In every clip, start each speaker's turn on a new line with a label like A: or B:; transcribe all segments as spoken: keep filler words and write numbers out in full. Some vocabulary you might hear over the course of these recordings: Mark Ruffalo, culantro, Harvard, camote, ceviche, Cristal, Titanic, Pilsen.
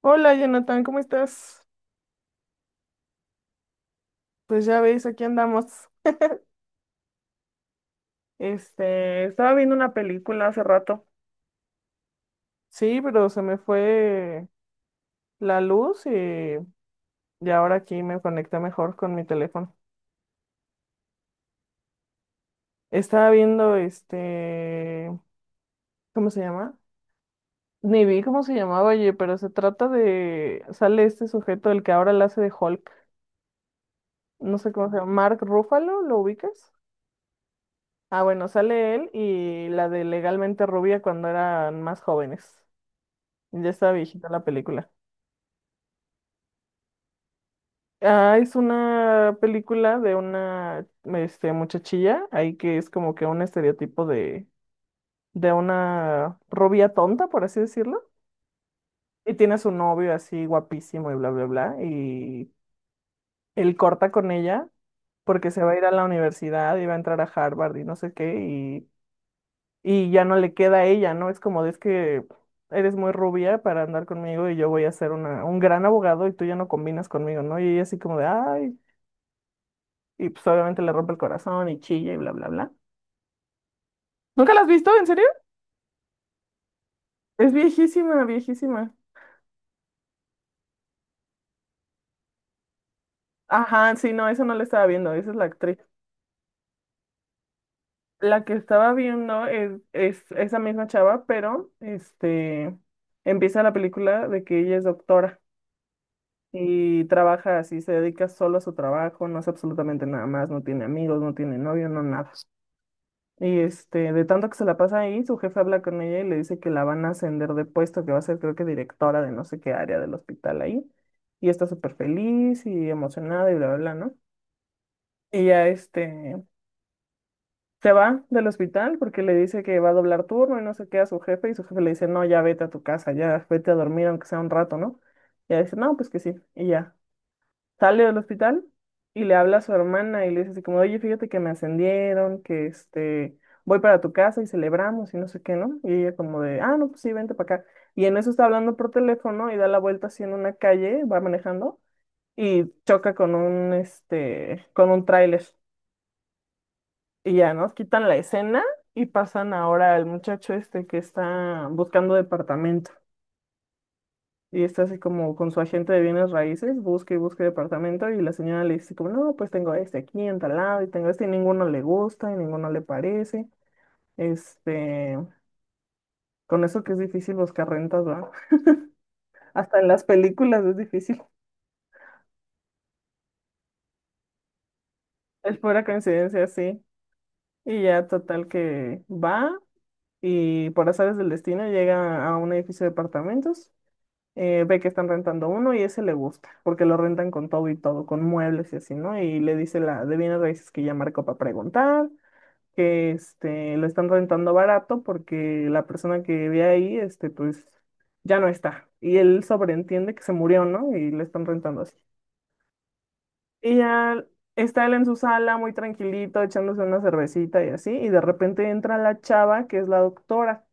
A: Hola Jonathan, ¿cómo estás? Pues ya ves, aquí andamos. Este, estaba viendo una película hace rato. Sí, pero se me fue la luz y, y ahora aquí me conecté mejor con mi teléfono. Estaba viendo este, ¿cómo se llama? Ni vi cómo se llamaba, oye, pero se trata de, sale este sujeto, el que ahora la hace de Hulk. No sé cómo se llama, Mark Ruffalo, ¿lo ubicas? Ah, bueno, sale él y la de Legalmente Rubia cuando eran más jóvenes. Ya está viejita la película. Ah, es una película de una este, muchachilla, ahí que es como que un estereotipo de, de una rubia tonta, por así decirlo. Y tiene a su novio así guapísimo y bla, bla, bla. Y él corta con ella porque se va a ir a la universidad y va a entrar a Harvard y no sé qué. Y, y ya no le queda a ella, ¿no? Es como de es que eres muy rubia para andar conmigo y yo voy a ser una, un gran abogado y tú ya no combinas conmigo, ¿no? Y ella así como de, ay. Y pues obviamente le rompe el corazón y chilla y bla, bla, bla. ¿Nunca la has visto? ¿En serio? Es viejísima, viejísima. Ajá, sí, no, eso no la estaba viendo, esa es la actriz. La que estaba viendo es, es esa misma chava, pero este empieza la película de que ella es doctora y trabaja así, se dedica solo a su trabajo, no hace absolutamente nada más, no tiene amigos, no tiene novio, no nada. Y este, de tanto que se la pasa ahí, su jefe habla con ella y le dice que la van a ascender de puesto, que va a ser creo que directora de no sé qué área del hospital ahí. Y está súper feliz y emocionada y bla, bla, bla, ¿no? Y ya este, se va del hospital porque le dice que va a doblar turno y no sé qué a su jefe y su jefe le dice, no, ya vete a tu casa, ya vete a dormir aunque sea un rato, ¿no? Y ella dice, no, pues que sí. Y ya, sale del hospital y le habla a su hermana y le dice así como, oye, fíjate que me ascendieron, que este, voy para tu casa y celebramos y no sé qué, ¿no? Y ella como de, ah, no, pues sí, vente para acá. Y en eso está hablando por teléfono y da la vuelta así en una calle, va manejando y choca con un, este, con un tráiler. Y ya, ¿no? Quitan la escena y pasan ahora al muchacho este que está buscando departamento. Y está así como con su agente de bienes raíces, busca y busca departamento y la señora le dice como, no, pues tengo este aquí en tal lado y tengo este y ninguno le gusta y ninguno le parece. Este, con eso que es difícil buscar rentas, ¿verdad? Hasta en las películas es difícil. Es pura coincidencia, sí. Y ya total que va y por azares del destino llega a un edificio de apartamentos eh, ve que están rentando uno y ese le gusta, porque lo rentan con todo y todo, con muebles y así, ¿no? Y le dice la de bienes raíces que ya marcó para preguntar, que este, lo están rentando barato porque la persona que ve ahí, este, pues ya no está. Y él sobreentiende que se murió, ¿no? Y le están rentando así. Y ya está él en su sala muy tranquilito, echándose una cervecita y así, y de repente entra la chava, que es la doctora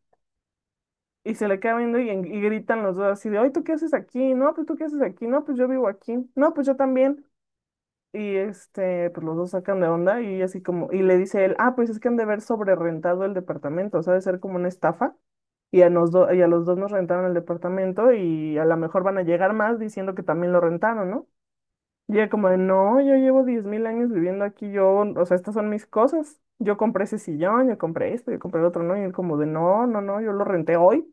A: y se le queda viendo y, en- y gritan los dos así de, ay, ¿tú qué haces aquí? No, pues tú qué haces aquí, no, pues yo vivo aquí, no, pues yo también. Y este, pues los dos sacan de onda y así como, y le dice él, ah, pues es que han de haber sobrerrentado el departamento, o sea, de ser como una estafa. Y a, nos do- y a los dos nos rentaron el departamento y a lo mejor van a llegar más diciendo que también lo rentaron, ¿no? Y ella como de, no, yo llevo diez mil años viviendo aquí, yo, o sea, estas son mis cosas. Yo compré ese sillón, yo compré esto, yo compré el otro, ¿no? Y él como de, no, no, no, yo lo renté hoy.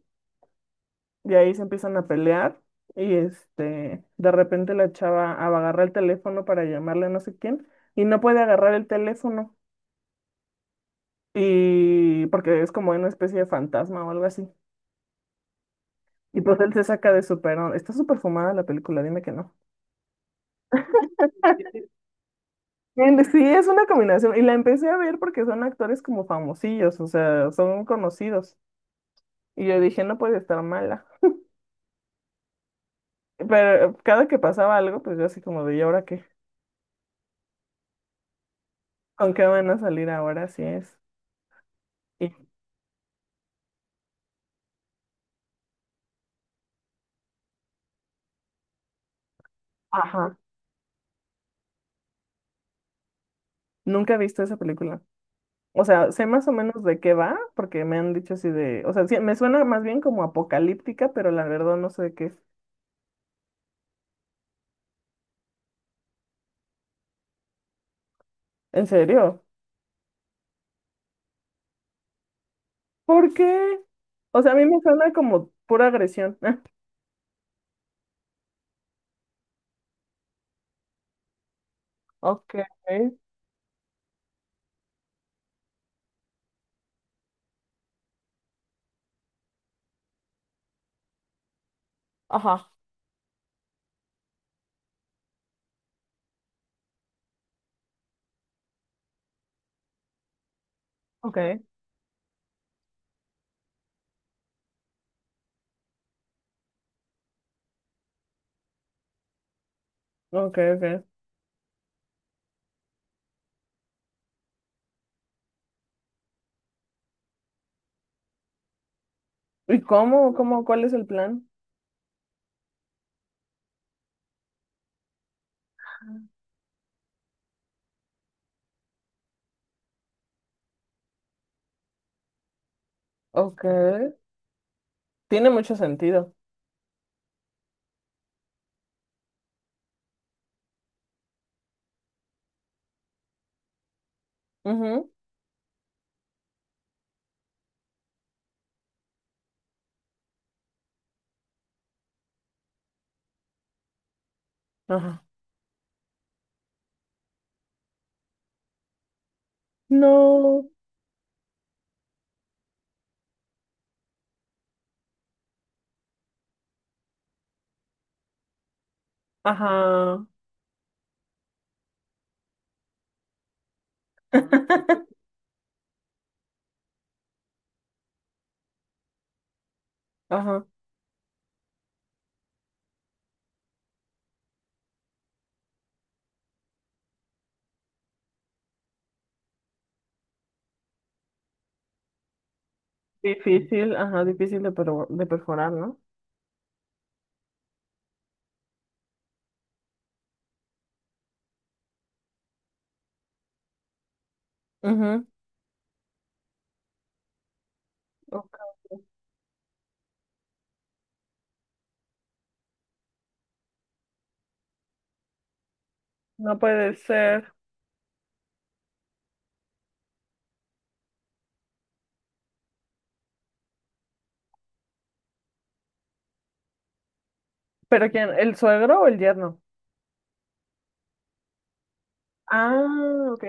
A: Y ahí se empiezan a pelear y este, de repente la chava agarra el teléfono para llamarle a no sé quién y no puede agarrar el teléfono y porque es como una especie de fantasma o algo así. Y pues él se saca de su perón. Está súper fumada la película, dime que no. Él- Sí, es una combinación. Y la empecé a ver porque son actores como famosillos, o sea, son conocidos. Y yo dije, no puede estar mala. Pero cada que pasaba algo, pues yo así como de, ¿y ahora qué? ¿Con qué van a salir ahora? Así es. Y, ajá. Nunca he visto esa película. O sea, sé más o menos de qué va, porque me han dicho así de, o sea, sí, me suena más bien como apocalíptica, pero la verdad no sé de qué es. ¿En serio? ¿Por qué? O sea, a mí me suena como pura agresión. Ok. Ajá. Ok. Ok, ok. ¿Y cómo, cómo, cuál es el plan? Ok. Tiene mucho sentido. Ujú. Ajá. No. Ajá. Ajá. Difícil, ajá, difícil de, perfor- de perforar, ¿no? Ujú. No puede ser. ¿Pero quién? ¿El suegro o el yerno? Ah, ok.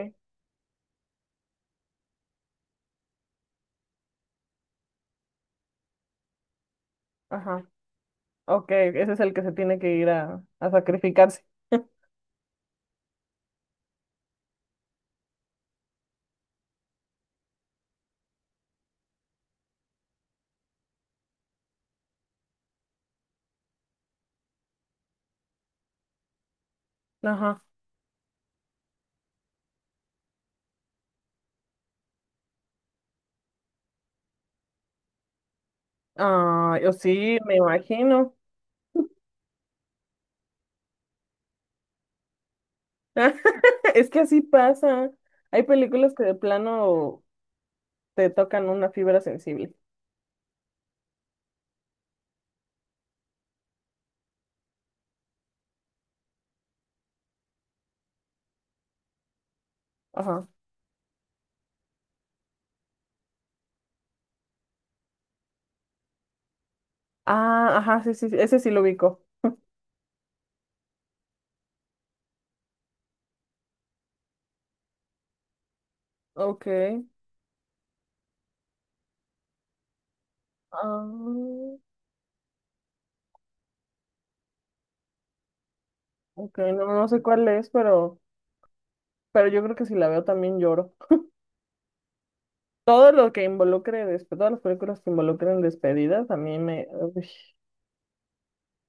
A: Ajá. Ok, ese es el que se tiene que ir a, a sacrificarse. Ajá. Ah, yo sí, me imagino. Es que así pasa. Hay películas que de plano te tocan una fibra sensible. Ajá. Ah, ajá, sí, sí, sí, ese sí lo ubico. Ok. Ah, ok, no, no sé cuál es, pero, pero yo creo que si la veo también lloro. Todo lo que involucre, despe- todas las películas que involucren despedidas, a mí me, uy,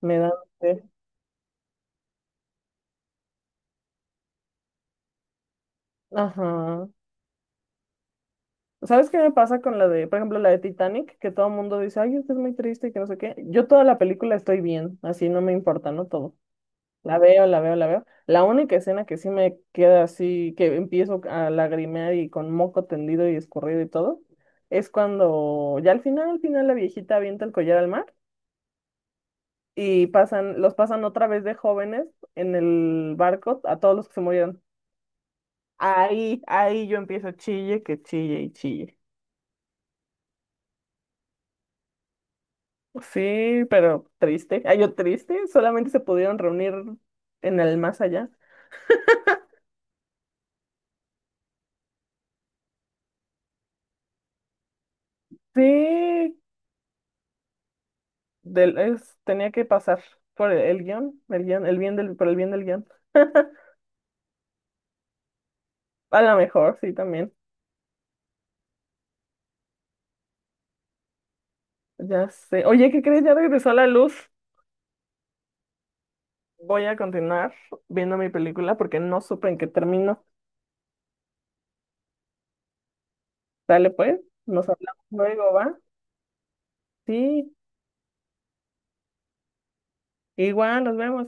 A: me dan... eh, Ajá. ¿Sabes qué me pasa con la de, por ejemplo, la de Titanic? Que todo el mundo dice, ay, esta es muy triste y que no sé qué. Yo toda la película estoy bien, así no me importa, ¿no? Todo. La veo, la veo, la veo. La única escena que sí me queda así, que empiezo a lagrimear y con moco tendido y escurrido y todo, es cuando ya al final, al final la viejita avienta el collar al mar. Y pasan, los pasan otra vez de jóvenes en el barco a todos los que se murieron. Ahí, ahí yo empiezo chille, que chille y chille. Sí, pero triste. Ay, yo triste, solamente se pudieron reunir en el más allá. Sí, del, es- tenía que pasar por el, el guión, el guión, el bien del, por el bien del guión. A lo mejor, sí, también. Ya sé. Oye, ¿qué crees? Ya regresó la luz. Voy a continuar viendo mi película porque no supe en qué terminó. Dale pues, nos hablamos luego, ¿va? Sí, igual, nos vemos.